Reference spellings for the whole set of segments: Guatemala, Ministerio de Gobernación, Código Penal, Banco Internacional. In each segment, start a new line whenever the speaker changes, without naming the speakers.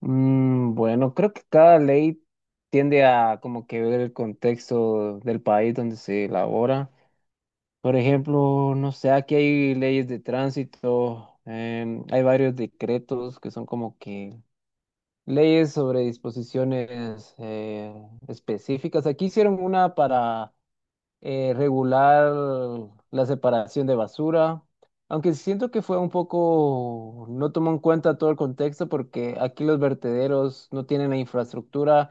Bueno, creo que cada ley tiende a como que ver el contexto del país donde se elabora. Por ejemplo, no sé, aquí hay leyes de tránsito, hay varios decretos que son como que leyes sobre disposiciones específicas. Aquí hicieron una para regular la separación de basura, aunque siento que fue un poco, no tomó en cuenta todo el contexto porque aquí los vertederos no tienen la infraestructura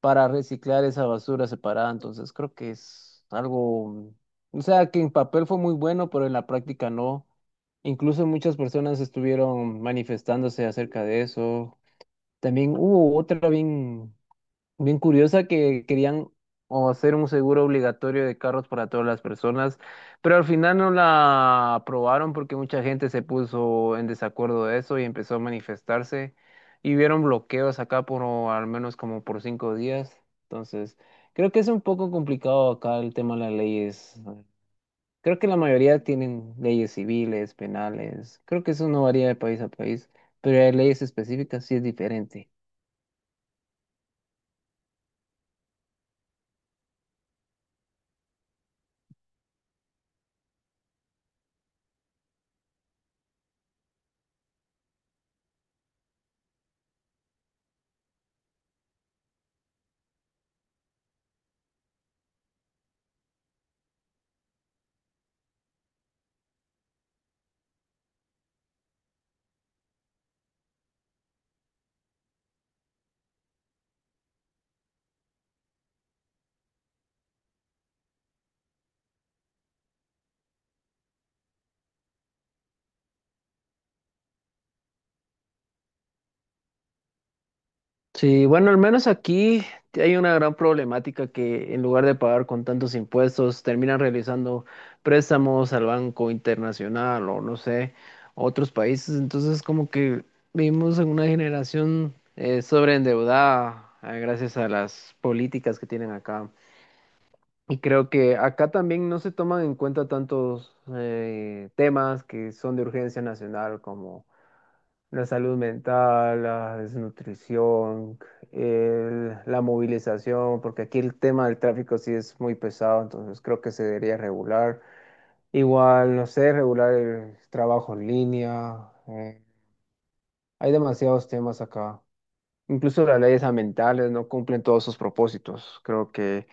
para reciclar esa basura separada, entonces creo que es algo, o sea, que en papel fue muy bueno, pero en la práctica no. Incluso muchas personas estuvieron manifestándose acerca de eso. También hubo otra bien curiosa que querían o hacer un seguro obligatorio de carros para todas las personas, pero al final no la aprobaron porque mucha gente se puso en desacuerdo de eso y empezó a manifestarse y hubieron bloqueos acá por o al menos como por 5 días. Entonces, creo que es un poco complicado acá el tema de las leyes. Creo que la mayoría tienen leyes civiles, penales. Creo que eso no varía de país a país, pero hay leyes específicas sí es diferente. Sí, bueno, al menos aquí hay una gran problemática que en lugar de pagar con tantos impuestos, terminan realizando préstamos al Banco Internacional o no sé, a otros países. Entonces, como que vivimos en una generación sobreendeudada gracias a las políticas que tienen acá. Y creo que acá también no se toman en cuenta tantos temas que son de urgencia nacional como la salud mental, la desnutrición, la movilización, porque aquí el tema del tráfico sí es muy pesado, entonces creo que se debería regular. Igual, no sé, regular el trabajo en línea. Hay demasiados temas acá. Incluso las leyes ambientales no cumplen todos sus propósitos. Creo que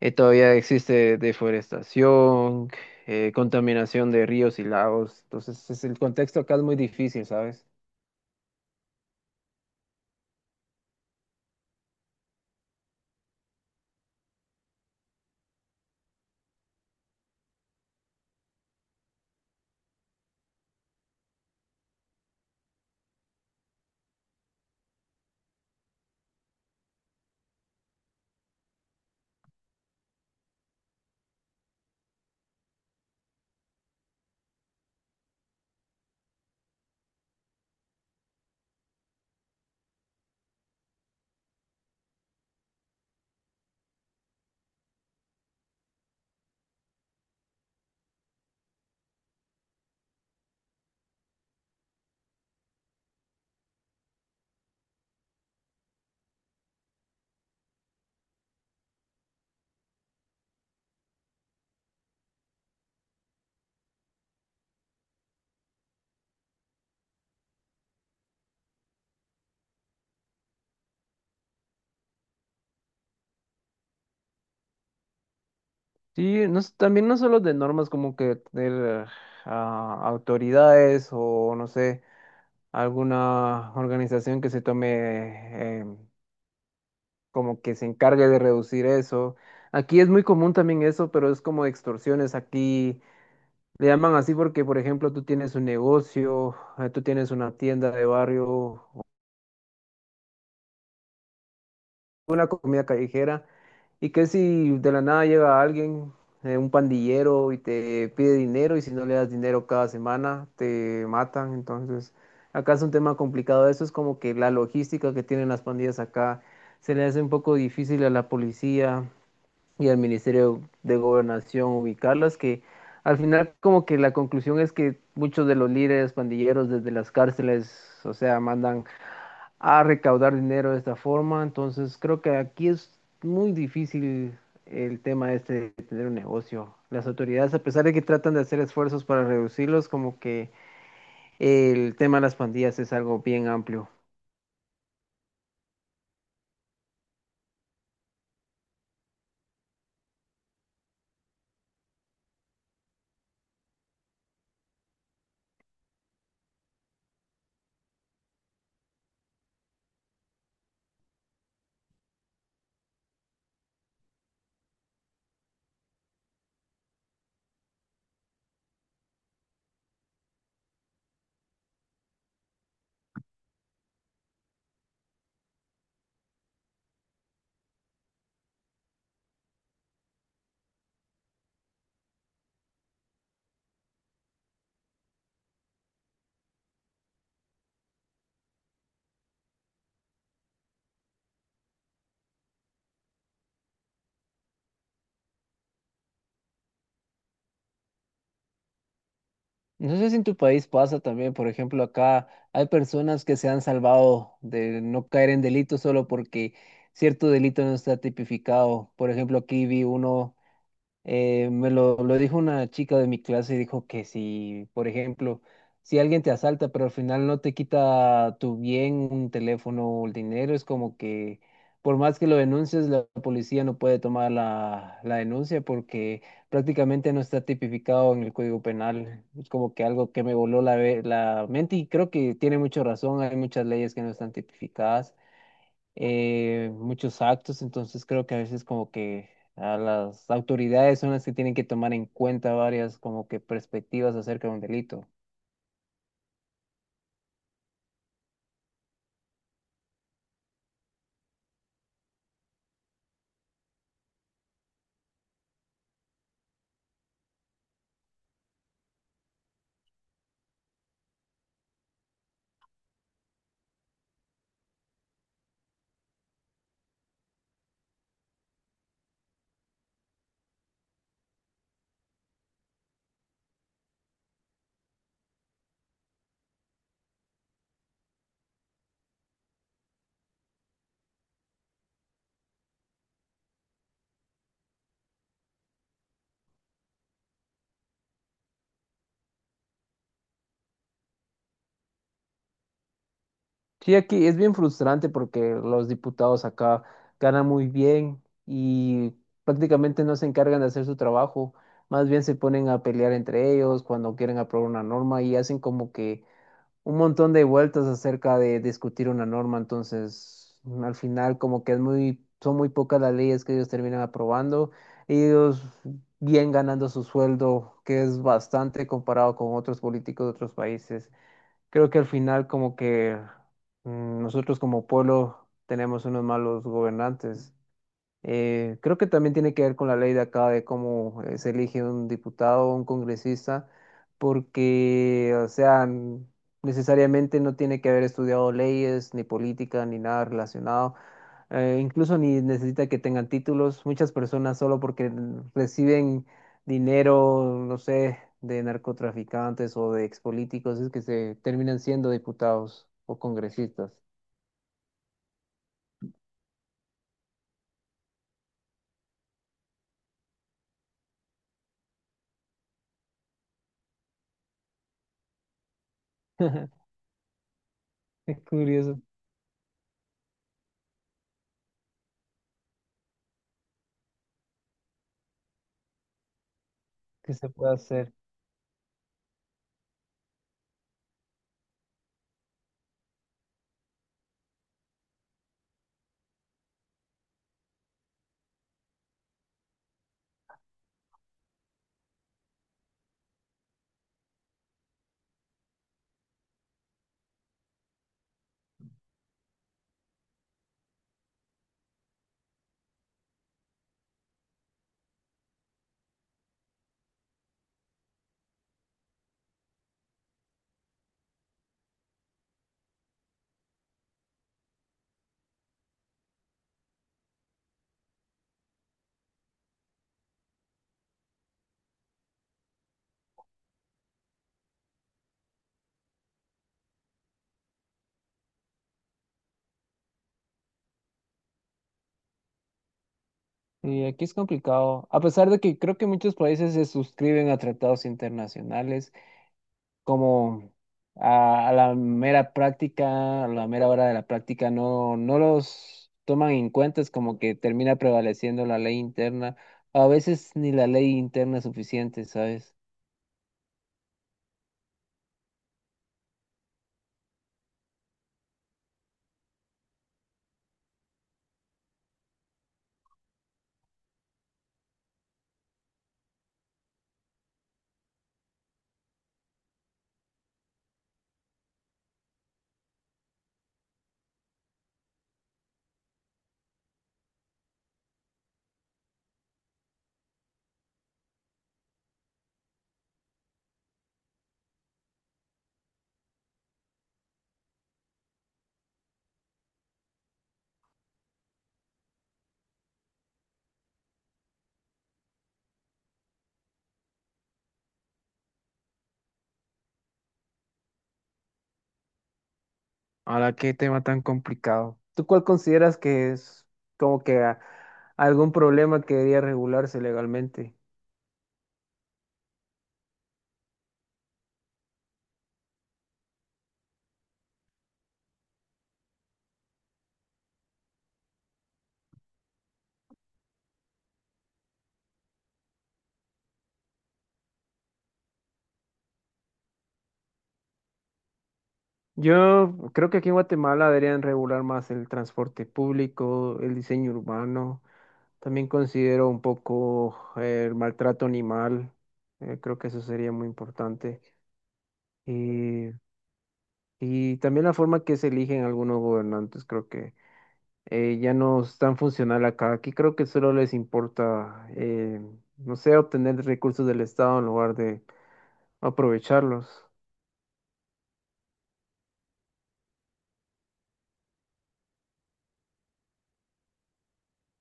todavía existe deforestación, contaminación de ríos y lagos. Entonces, el contexto acá es muy difícil, ¿sabes? Sí, no, también no solo de normas, como que tener autoridades o no sé, alguna organización que se tome, em, como que se encargue de reducir eso. Aquí es muy común también eso, pero es como extorsiones. Aquí le llaman así porque, por ejemplo, tú tienes un negocio, tú tienes una tienda de barrio, comida callejera. ¿Y que si de la nada llega alguien, un pandillero, y te pide dinero y si no le das dinero cada semana, te matan? Entonces, acá es un tema complicado. Eso es como que la logística que tienen las pandillas acá se le hace un poco difícil a la policía y al Ministerio de Gobernación ubicarlas, que al final como que la conclusión es que muchos de los líderes pandilleros desde las cárceles, o sea, mandan a recaudar dinero de esta forma. Entonces creo que aquí es muy difícil el tema este de tener un negocio. Las autoridades, a pesar de que tratan de hacer esfuerzos para reducirlos, como que el tema de las pandillas es algo bien amplio. No sé si en tu país pasa también, por ejemplo, acá hay personas que se han salvado de no caer en delitos solo porque cierto delito no está tipificado. Por ejemplo, aquí vi uno. Me lo dijo una chica de mi clase y dijo que si, por ejemplo, si alguien te asalta, pero al final no te quita tu bien, un teléfono o el dinero, es como que por más que lo denuncies, la policía no puede tomar la denuncia porque prácticamente no está tipificado en el Código Penal. Es como que algo que me voló la mente y creo que tiene mucha razón, hay muchas leyes que no están tipificadas, muchos actos, entonces creo que a veces como que a las autoridades son las que tienen que tomar en cuenta varias como que perspectivas acerca de un delito. Sí, aquí es bien frustrante porque los diputados acá ganan muy bien y prácticamente no se encargan de hacer su trabajo, más bien se ponen a pelear entre ellos cuando quieren aprobar una norma y hacen como que un montón de vueltas acerca de discutir una norma, entonces al final como que es muy, son muy pocas las leyes que ellos terminan aprobando, ellos bien ganando su sueldo, que es bastante comparado con otros políticos de otros países. Creo que al final como que nosotros como pueblo tenemos unos malos gobernantes. Creo que también tiene que ver con la ley de acá de cómo se elige un diputado o un congresista, porque, o sea, necesariamente no tiene que haber estudiado leyes, ni política, ni nada relacionado. Incluso ni necesita que tengan títulos. Muchas personas solo porque reciben dinero, no sé, de narcotraficantes o de expolíticos, es que se terminan siendo diputados o congresistas. Es curioso que se pueda hacer. Y aquí es complicado, a pesar de que creo que muchos países se suscriben a tratados internacionales, como a la mera práctica, a la mera hora de la práctica, no los toman en cuenta, es como que termina prevaleciendo la ley interna, a veces ni la ley interna es suficiente, ¿sabes? Ahora, qué tema tan complicado. ¿Tú cuál consideras que es como que algún problema que debería regularse legalmente? Yo creo que aquí en Guatemala deberían regular más el transporte público, el diseño urbano. También considero un poco el maltrato animal. Creo que eso sería muy importante. Y, y también la forma que se eligen algunos gobernantes, creo que ya no es tan funcional acá. Aquí creo que solo les importa, no sé, obtener recursos del Estado en lugar de aprovecharlos.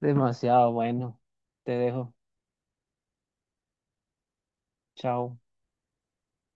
Demasiado bueno. Te dejo. Chao.